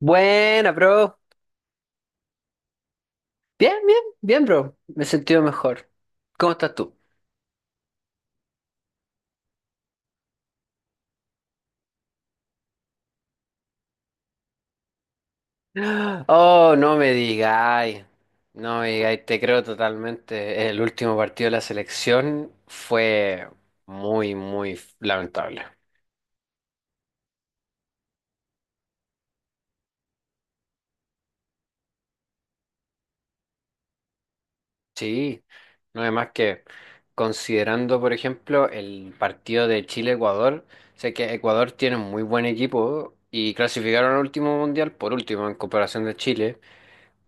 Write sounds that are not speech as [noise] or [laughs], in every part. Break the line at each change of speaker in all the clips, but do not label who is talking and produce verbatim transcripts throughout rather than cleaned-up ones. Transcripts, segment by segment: Buena, bro. Bien, bien, bien, bro. Me he sentido mejor. ¿Cómo estás tú? Oh, no me digáis. No me digáis, te creo totalmente. El último partido de la selección fue muy, muy lamentable. Sí, no es más que considerando, por ejemplo, el partido de Chile-Ecuador, sé que Ecuador tiene un muy buen equipo y clasificaron al último mundial por último en comparación de Chile.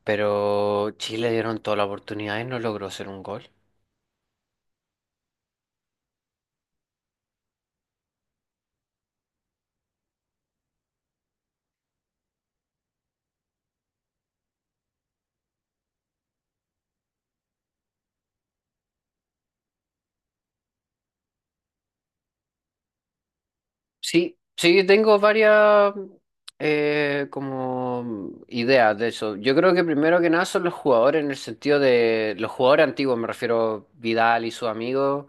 Pero Chile le dieron toda la oportunidad y no logró hacer un gol. Sí, sí, tengo varias eh, como ideas de eso. Yo creo que primero que nada son los jugadores en el sentido de los jugadores antiguos, me refiero Vidal y sus amigos,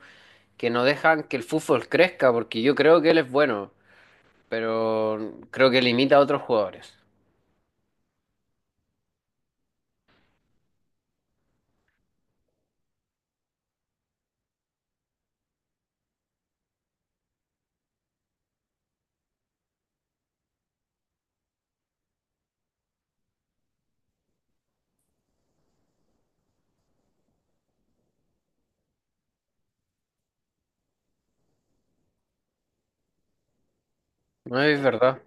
que no dejan que el fútbol crezca, porque yo creo que él es bueno, pero creo que limita a otros jugadores. No es verdad.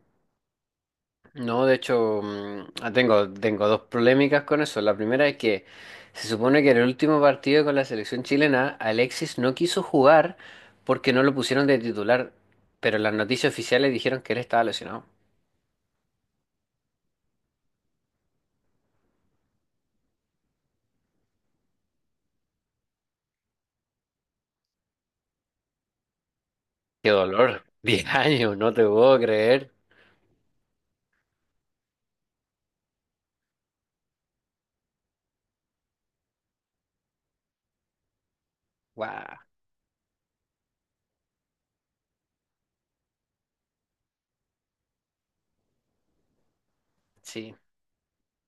No, de hecho, mm, ah, tengo, tengo dos polémicas con eso. La primera es que se supone que en el último partido con la selección chilena, Alexis no quiso jugar porque no lo pusieron de titular, pero las noticias oficiales dijeron que él estaba lesionado. ¡Qué dolor! [laughs] Diez años, no te puedo creer. ¡Guau! Sí.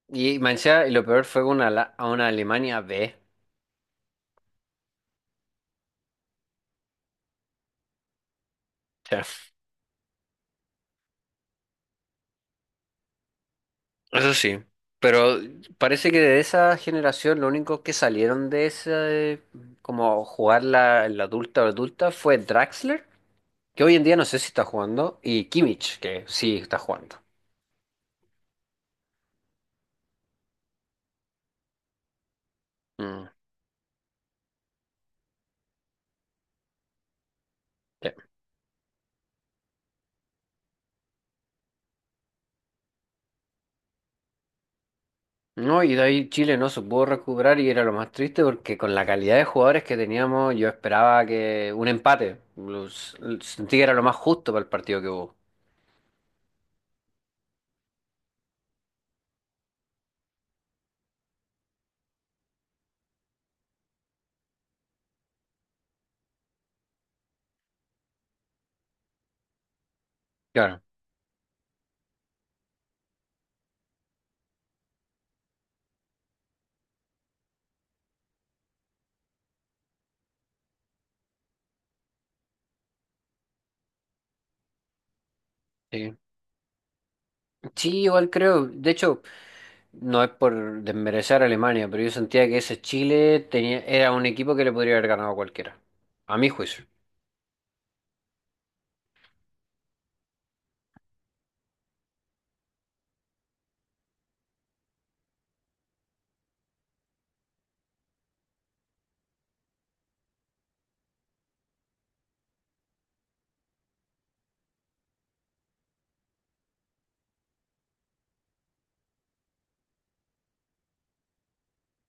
Y Mancha, y lo peor fue una, la- a una Alemania B. Eso sí, pero parece que de esa generación lo único que salieron de ese, como jugar la, la adulta o adulta, fue Draxler, que hoy en día no sé si está jugando, y Kimmich, que sí está jugando. Mm, sí. No, y de ahí Chile no se pudo recuperar y era lo más triste porque con la calidad de jugadores que teníamos yo esperaba que un empate, los- sentí que era lo más justo para el partido que hubo. Claro. Sí, sí, igual creo. De hecho, no es por desmerecer a Alemania, pero yo sentía que ese Chile tenía, era un equipo que le podría haber ganado a cualquiera, a mi juicio.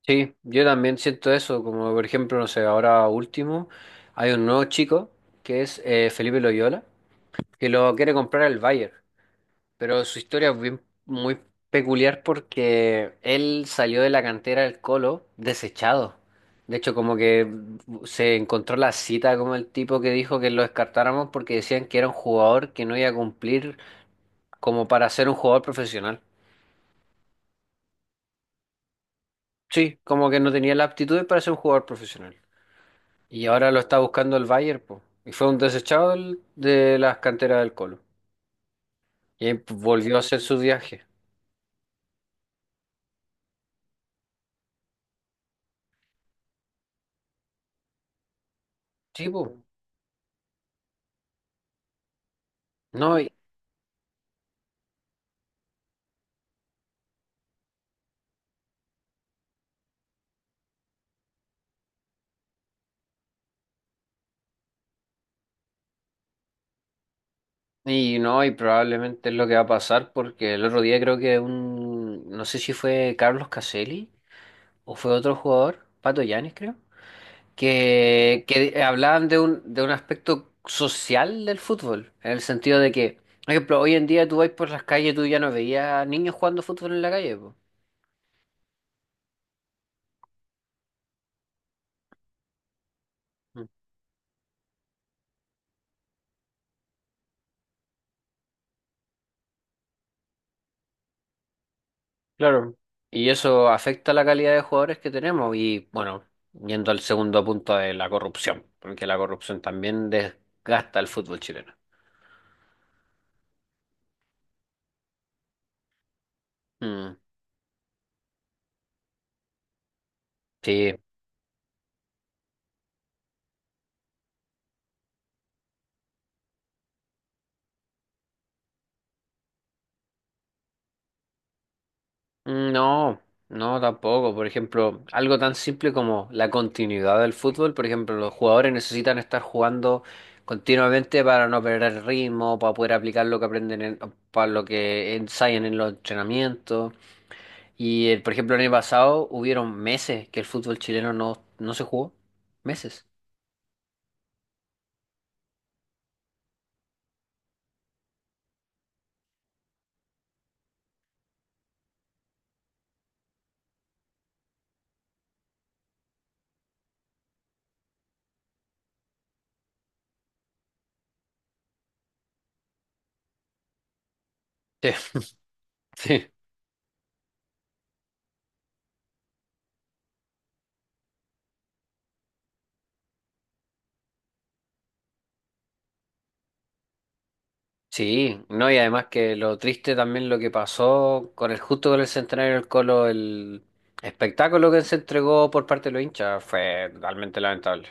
Sí, yo también siento eso, como por ejemplo, no sé, ahora último, hay un nuevo chico que es eh, Felipe Loyola, que lo quiere comprar el Bayern. Pero su historia es bien, muy peculiar porque él salió de la cantera del Colo desechado. De hecho, como que se encontró la cita como el tipo que dijo que lo descartáramos porque decían que era un jugador que no iba a cumplir como para ser un jugador profesional. Sí, como que no tenía la aptitud para ser un jugador profesional. Y ahora lo está buscando el Bayern, po. Y fue un desechado del- de las canteras del Colo. Y ahí, pues, volvió a hacer su viaje. Sí, po. No, y- y no, y probablemente es lo que va a pasar porque el otro día creo que un, no sé si fue Carlos Caselli o fue otro jugador, Pato Yanis creo, que, que eh, hablaban de un, de un aspecto social del fútbol, en el sentido de que, por ejemplo, hoy en día tú vas por las calles, tú ya no veías niños jugando fútbol en la calle, po. Mm. Claro. Y eso afecta la calidad de jugadores que tenemos y bueno, yendo al segundo punto de la corrupción, porque la corrupción también desgasta el fútbol chileno. Mm. Sí, mm, no, no tampoco. Por ejemplo, algo tan simple como la continuidad del fútbol. Por ejemplo, los jugadores necesitan estar jugando continuamente para no perder el ritmo, para poder aplicar lo que aprenden, en- para lo que ensayan en los entrenamientos. Y, eh, por ejemplo, el año pasado hubieron meses que el fútbol chileno no, no se jugó. Meses. Sí, [laughs] sí. Sí, no, y además que lo triste también lo que pasó con el justo con el centenario del Colo, el espectáculo que se entregó por parte de los hinchas fue realmente lamentable.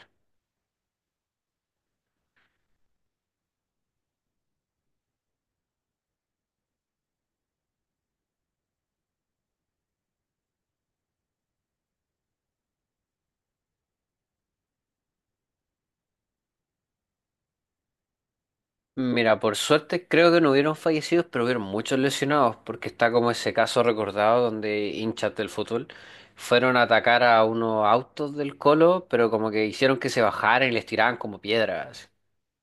Mira, por suerte creo que no hubieron fallecidos, pero hubieron muchos lesionados, porque está como ese caso recordado donde hinchas del fútbol fueron a atacar a unos autos del Colo, pero como que hicieron que se bajaran y les tiraban como piedras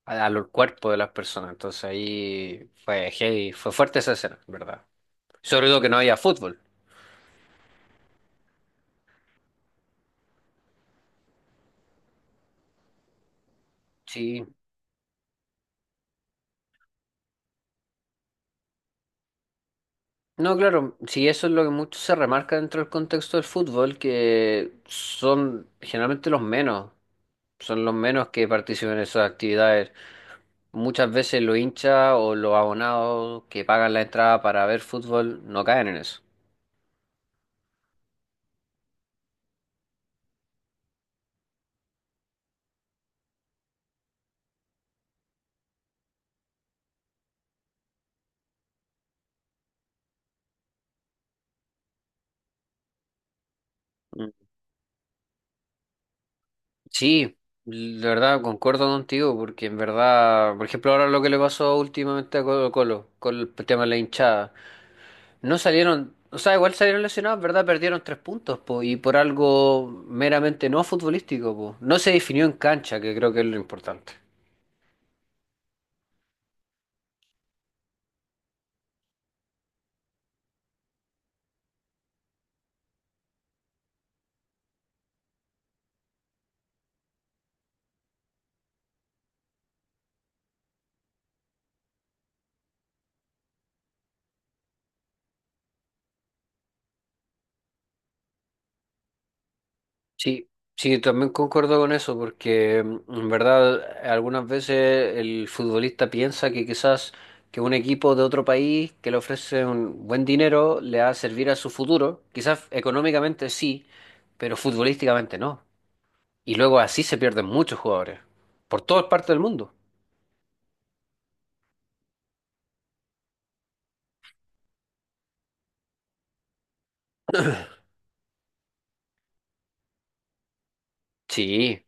a- al cuerpo de las personas. Entonces ahí fue heavy, fue fuerte esa escena, ¿verdad? Sobre todo que no haya fútbol. Sí. No, claro, sí, eso es lo que mucho se remarca dentro del contexto del fútbol, que son generalmente los menos, son los menos que participan en esas actividades. Muchas veces los hinchas o los abonados que pagan la entrada para ver fútbol no caen en eso. Mm. Sí, de verdad, concuerdo contigo, porque en verdad, por ejemplo, ahora lo que le pasó últimamente a Colo Colo, con el tema de la hinchada. No salieron, o sea, igual salieron lesionados, ¿verdad? Perdieron tres puntos, po, y por algo meramente no futbolístico, po. No se definió en cancha, que creo que es lo importante. Sí, sí, también concuerdo con eso, porque mm, en verdad algunas veces el futbolista piensa que quizás que un equipo de otro país que le ofrece un buen dinero le va a servir a su futuro, quizás económicamente sí, pero futbolísticamente no. Y luego así se pierden muchos jugadores, por todas partes del mundo. Sí.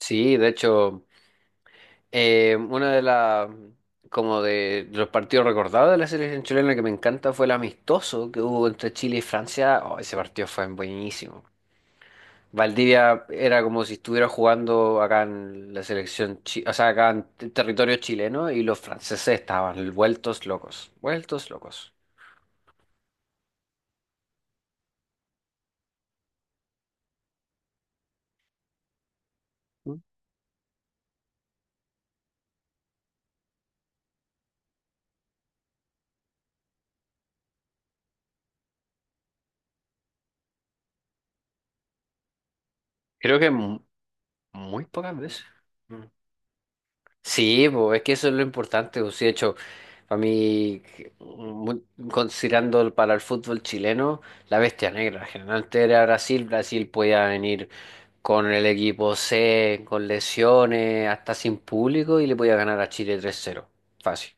Sí, de hecho, eh, una de las, como de los partidos recordados de la selección chilena que me encanta fue el amistoso que hubo entre Chile y Francia. Oh, ese partido fue buenísimo. Valdivia era como si estuviera jugando acá en la selección, chi- o sea, acá en t- territorio chileno y los franceses estaban vueltos locos, vueltos locos. Mm. Creo que mu- muy pocas veces. Mm. Sí, pues es que eso es lo importante. Pues, sí, de hecho, para mí, que, mu- considerando el- para el fútbol chileno, la bestia negra. Generalmente era Brasil. Brasil podía venir con el equipo C, con lesiones, hasta sin público y le podía ganar a Chile tres cero, fácil.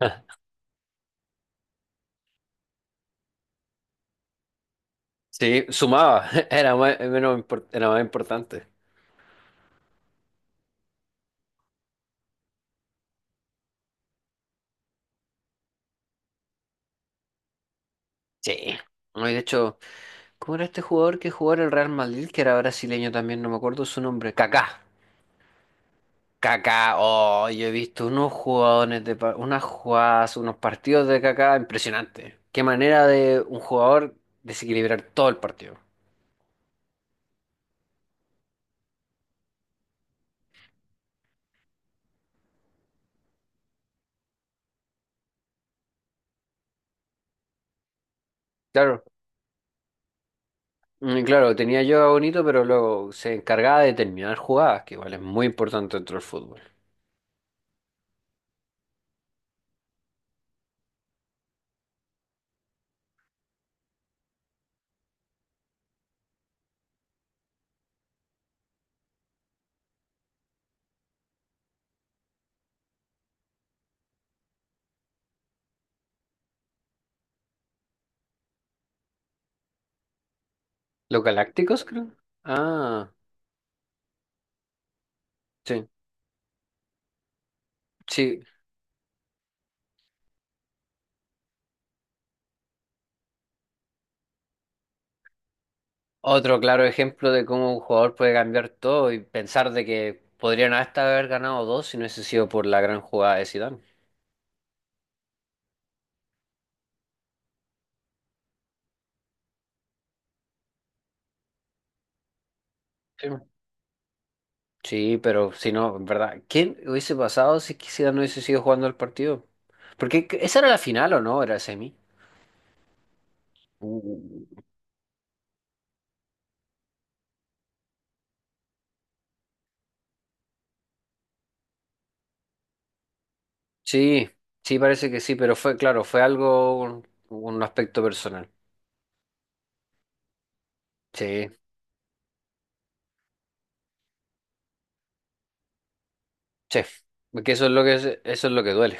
[laughs] Sí, sumaba. [laughs] Era más, menos, impor- era más importante. Sí. No, y de hecho, ¿cómo era este jugador que jugó en el Real Madrid, que era brasileño también? No me acuerdo su nombre. Kaká. Kaká, oh, yo he visto unos jugadores de pa- unas jugadas, unos partidos de Kaká impresionantes. Qué manera de un jugador desequilibrar todo el partido. Claro, mm, claro, tenía yo Bonito, pero luego se encargaba de terminar jugadas, que igual es muy importante dentro del fútbol. Los Galácticos, creo. Ah, sí, sí. Otro claro ejemplo de cómo un jugador puede cambiar todo y pensar de que podrían hasta haber ganado dos si no hubiese sido por la gran jugada de Zidane. Sí, pero si no, en verdad, ¿quién hubiese pasado si quisiera no hubiese sido jugando el partido? Porque que- esa era la final o no, era semi. Uh. Sí, sí, parece que sí, pero fue, claro, fue algo, un, un aspecto personal. Sí, sí, porque eso es lo que, es- eso es lo que duele.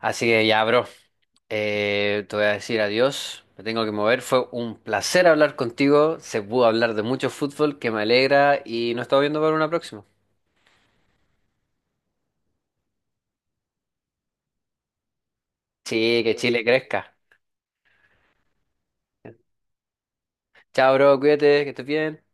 Así que ya, bro, eh, te voy a decir adiós, me tengo que mover, fue un placer hablar contigo, se pudo hablar de mucho fútbol, que me alegra y nos estamos viendo para una próxima. Sí, que Chile crezca. Chao, bro, cuídate, que estés bien.